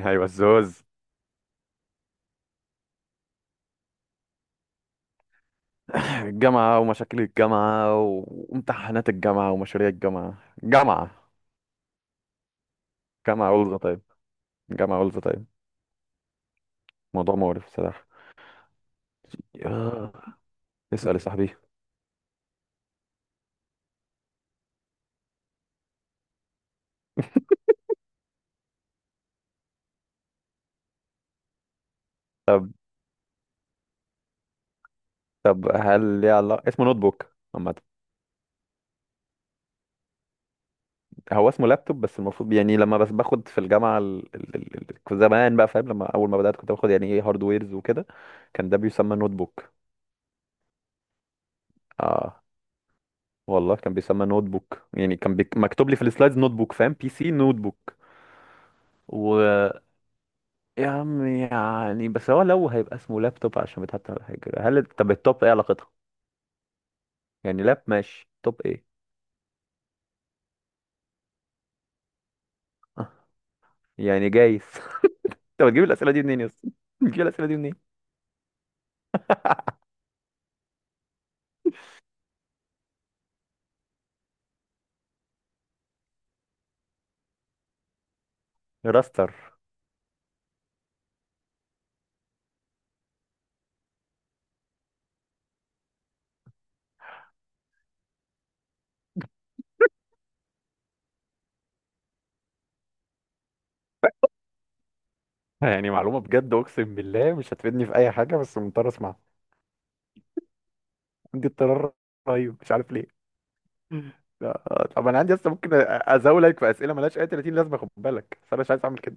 ايوه الزوز. الجامعة ومشاكل الجامعة وامتحانات الجامعة ومشاريع الجامعة جامعة أولز طيب. جامعة أولز طيب موضوع مقرف بصراحة. ياه. اسأل يا صاحبي. طب طب هل ليه علاقة اسمه نوت بوك عامة؟ هو اسمه لابتوب، بس المفروض يعني لما باخد في الجامعة كنت زمان بقى فاهم، لما أول ما بدأت كنت باخد يعني ايه هاردويرز وكده، كان ده بيسمى نوت بوك. اه والله كان بيسمى نوت بوك، يعني مكتوب لي في السلايدز نوت بوك، فاهم، بي سي نوت بوك. و يا عم يعني بس هو لو هيبقى اسمه لابتوب عشان بيتحط على حاجة، هل طب التوب ايه علاقتها؟ يعني لاب ماشي، توب ايه؟ آه، يعني جايز. طب تجيب الأسئلة دي منين يا اسطى؟ بتجيب الأسئلة دي منين؟ راستر. يعني معلومة بجد أقسم بالله مش هتفيدني في أي حاجة، بس مضطر أسمعها، عندي اضطرار رهيب مش عارف ليه. لا، طب أنا عندي أصلا ممكن أزاولك في أسئلة ملهاش أي 30 لازمة، خد بالك، بس أنا مش عايز أعمل كده.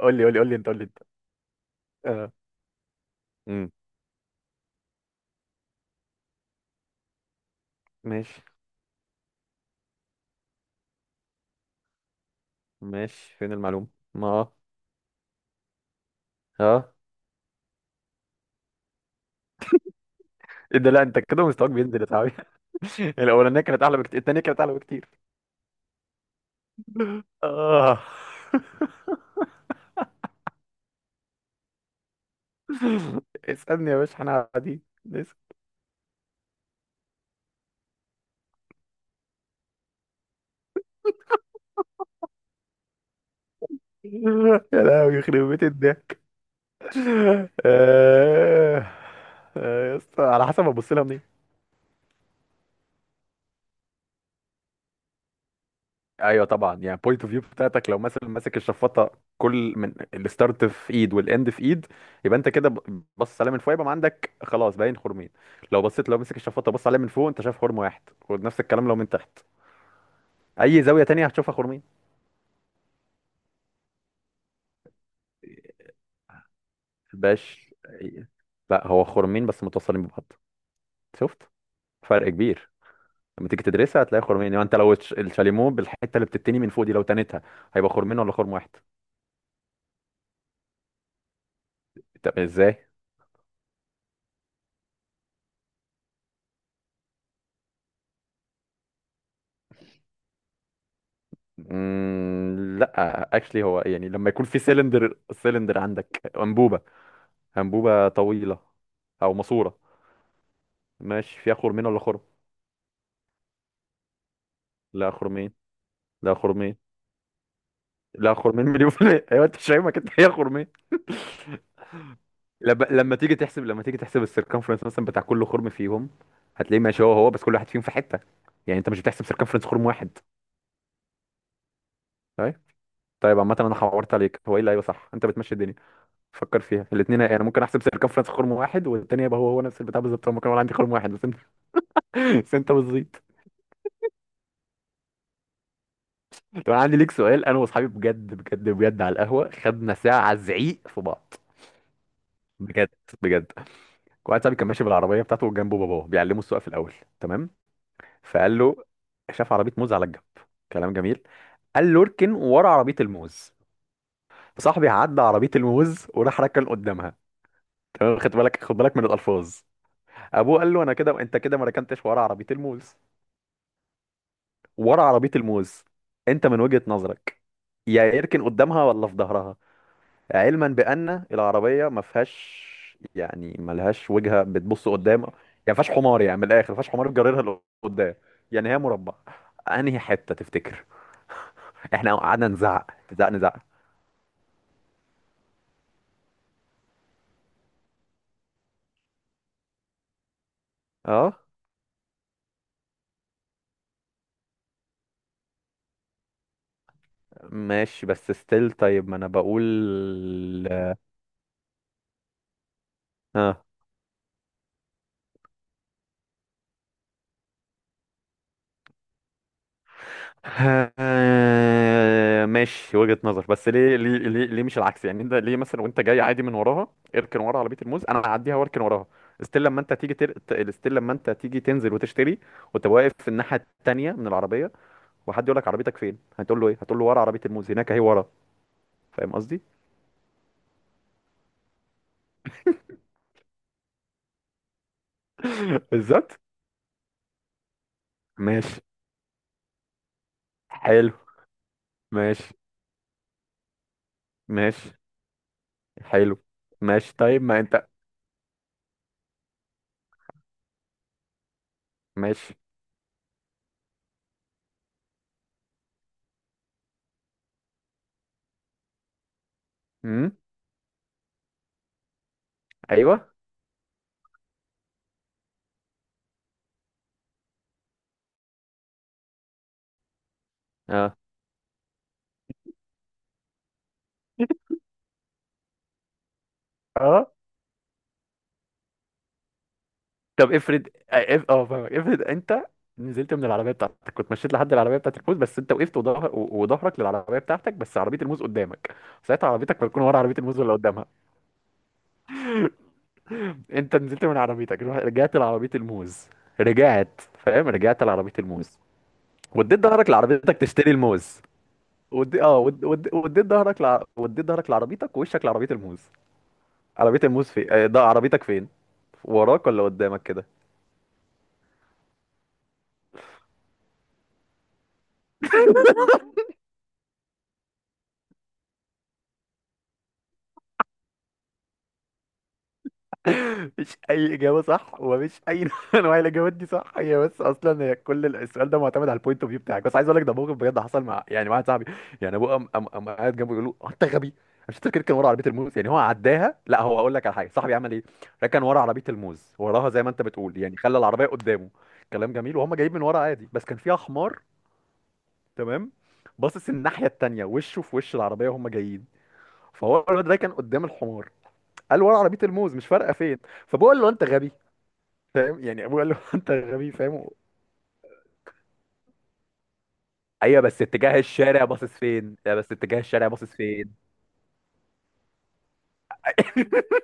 قول لي أنت، قول لي أنت. آه. امم ماشي. ماشي فين المعلومة؟ ما اه. ايه ده، لا انت كده مستواك بينزل يا صاحبي. الاولانيه كانت اعلى بكتير، التانيه كانت اعلى بكتير. اه. اسالني يا باشا احنا قاعدين، اسأل. يا لهوي يخرب بيت الضحك. آه، آه، يا اسطى على حسب ابص لها منين. ايوه طبعا، يعني بوينت اوف فيو بتاعتك، لو مثلا ماسك الشفاطه كل من الستارت في ايد والاند في ايد، يبقى انت كده بص عليها من فوق يبقى ما عندك خلاص باين خرمين. لو بصيت، لو مسك الشفاطه بص عليها من فوق، انت شايف خرم واحد، ونفس الكلام لو من تحت. اي زاويه تانية هتشوفها خرمين. باش. لا هو خرمين بس متصلين ببعض، شفت فرق كبير. لما تيجي تدرسها هتلاقي خرمين، يعني انت لو الشاليمو بالحته اللي بتتني من فوق دي لو تنتها، هيبقى خرمين ولا خرم واحد؟ طب ازاي؟ لا اكشلي، هو يعني لما يكون في سيلندر عندك انبوبه، انبوبه طويله او ماسوره، ماشي، فيها خرمين ولا خرم؟ لا خرمين. لا خرمين لا خرمين مليون في المية، ايوه انت مش فاهمك انت، هي خرمين. لما تيجي تحسب السيركمفرنس مثلا بتاع كل خرم فيهم، هتلاقيه ماشي هو هو، بس كل واحد فيهم في حته، يعني انت مش بتحسب سيركمفرنس خرم واحد. طيب طيب عامه انا حورت عليك، هو ايه اللي ايوه صح، انت بتمشي الدنيا فكر فيها الاثنين. انا ممكن احسب سيركمفرنس خرم واحد والتاني يبقى هو هو نفس البتاع بالظبط، هو ممكن اقول عندي خرم واحد، بس انت بس انت بتزيط. طب انا عندي ليك سؤال، انا واصحابي بجد بجد بجد على القهوه خدنا ساعه زعيق في بعض. بجد بجد. واحد صاحبي كان ماشي بالعربيه بتاعته وجنبه باباه بيعلمه السواقه في الاول، تمام؟ فقال له، شاف عربيه موز على الجنب، كلام جميل، قال له اركن ورا عربيه الموز. فصاحبي عدى عربيه الموز وراح ركن قدامها. تمام، خد بالك من الالفاظ. ابوه قال له انا كده انت كده ما ركنتش ورا عربيه الموز، ورا عربيه الموز. انت من وجهه نظرك يا يركن قدامها ولا في ظهرها؟ علما بان العربيه ما فيهاش، يعني ما لهاش وجهه بتبص قدام يعني، ما فيهاش حمار، يعني من الاخر ما فيهاش حمار بجررها لقدام، يعني هي مربع. انهي حته تفتكر؟ احنا قعدنا نزعق. اه ماشي بس ستيل، طيب ما انا بقول. اه. آه، ماشي وجهة نظر، بس ليه مش العكس؟ يعني انت ليه مثلا وانت جاي عادي من وراها، اركن ورا عربية الموز، انا هعديها واركن وراها. ستيل لما انت ستيل لما انت تيجي تنزل وتشتري وتبقى واقف في الناحية التانية من العربية، وحد يقول لك عربيتك فين، هتقول له ايه؟ هتقول له ورا عربية الموز هناك اهي ورا، فاهم قصدي؟ بالظبط. ماشي. حلو. ماشي. ماشي. حلو. ماشي طيب ما انت. ماشي. امم. ايوه. اه. اه طب افرض، آه، اه فاهمك، افرض انت نزلت من العربيه بتاعتك، كنت مشيت لحد العربيه بتاعت الموز، بس انت وقفت وظهرك للعربيه بتاعتك، بس عربيه الموز قدامك، ساعتها عربيتك هتكون ورا عربيه الموز ولا قدامها؟ انت نزلت من عربيتك، رجعت لعربيه الموز، رجعت فاهم، رجعت لعربيه الموز، وديت ظهرك لعربيتك تشتري الموز. وديت ظهرك لعربيتك ووشك لعربيه الموز، عربية الموز فين؟ ده عربيتك فين، وراك ولا قدامك كده؟ مفيش اي اجابه صح، ومفيش اي نوع من انواع الاجابات دي صح، هي بس اصلا هي كل السؤال ده معتمد على البوينت اوف فيو بتاعك. بس عايز اقول لك ده موقف بجد حصل مع مع واحد صاحبي، يعني ابوه قام قام قام قاعد جنبه يقول له "هو انت غبي، مش تركن كان ورا عربيه الموز، يعني هو عداها. لا هو اقول لك على حاجه، صاحبي عمل ايه، ركن ورا عربيه الموز وراها زي ما انت بتقول، يعني خلى العربيه قدامه، كلام جميل، وهم جايين من ورا عادي، بس كان فيها حمار، تمام، باصص الناحيه التانيه، وشه في وش العربيه وهم جايين، فهو الواد ده كان قدام الحمار، قال ورا عربيه الموز مش فارقه فين، فبقول له انت غبي، فاهم، يعني ابوه قال له انت غبي، فاهم. ايوه بس اتجاه الشارع باصص فين، لا بس اتجاه الشارع باصص فين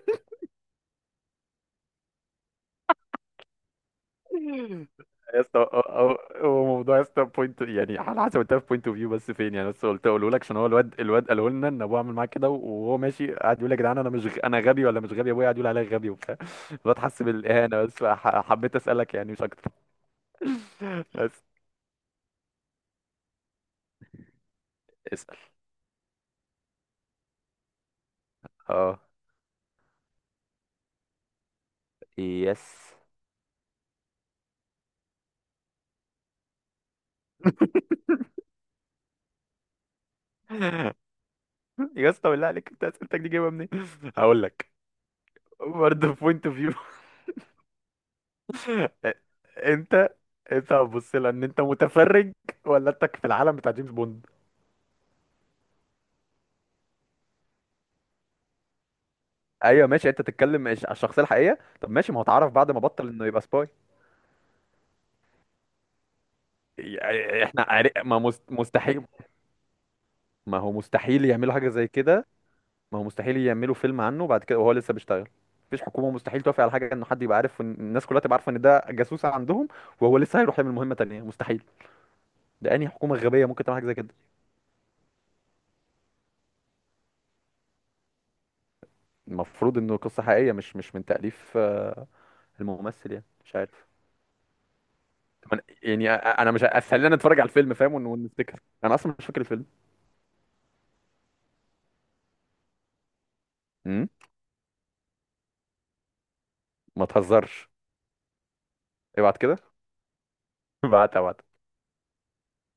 يا اسطى هو موضوع يا اسطى بوينت، يعني على حسب انت في بوينت اوف فيو بس فين، يعني بس قلت اقوله لك عشان هو الواد قاله لنا ان ابوه عامل معاه كده، وهو ماشي قاعد يقول يا جدعان انا مش غ- انا غبي ولا مش غبي؟ ابويا قاعد يقول عليا غبي وبتاع، الواد حس بالاهانه، بس حبيت اسالك يعني مش اكتر. بس. اسال. اه. يس. يا اسطى بالله عليك انت اسئلتك دي جايبها منين؟ هقول لك، برضه بوينت اوف فيو. انت، انت هتبص لها ان انت متفرج ولا انت في العالم بتاع جيمس بوند؟ ايوه ماشي انت تتكلم على الشخصيه الحقيقيه. طب ماشي ما هو اتعرف بعد ما بطل انه يبقى سباي، يعني احنا عارف ما مست- مستحيل، ما هو مستحيل يعملوا حاجه زي كده، ما هو مستحيل يعملوا فيلم عنه بعد كده وهو لسه بيشتغل، مفيش حكومه، مستحيل توافق على حاجه انه حد يبقى عارف الناس كلها تبقى عارفه ان ده جاسوس عندهم وهو لسه هيروح يعمل مهمه تانية، مستحيل، ده انهي حكومه غبيه ممكن تعمل حاجه زي كده؟ المفروض انه قصه حقيقيه مش من تاليف آه، الممثل، يعني مش عارف. طب انا مش ه- خلينا نتفرج على الفيلم فاهم ونفتكر، انا اصلا مش فاكر الفيلم. امم. ما تهزرش. ابعت كده. ابعت.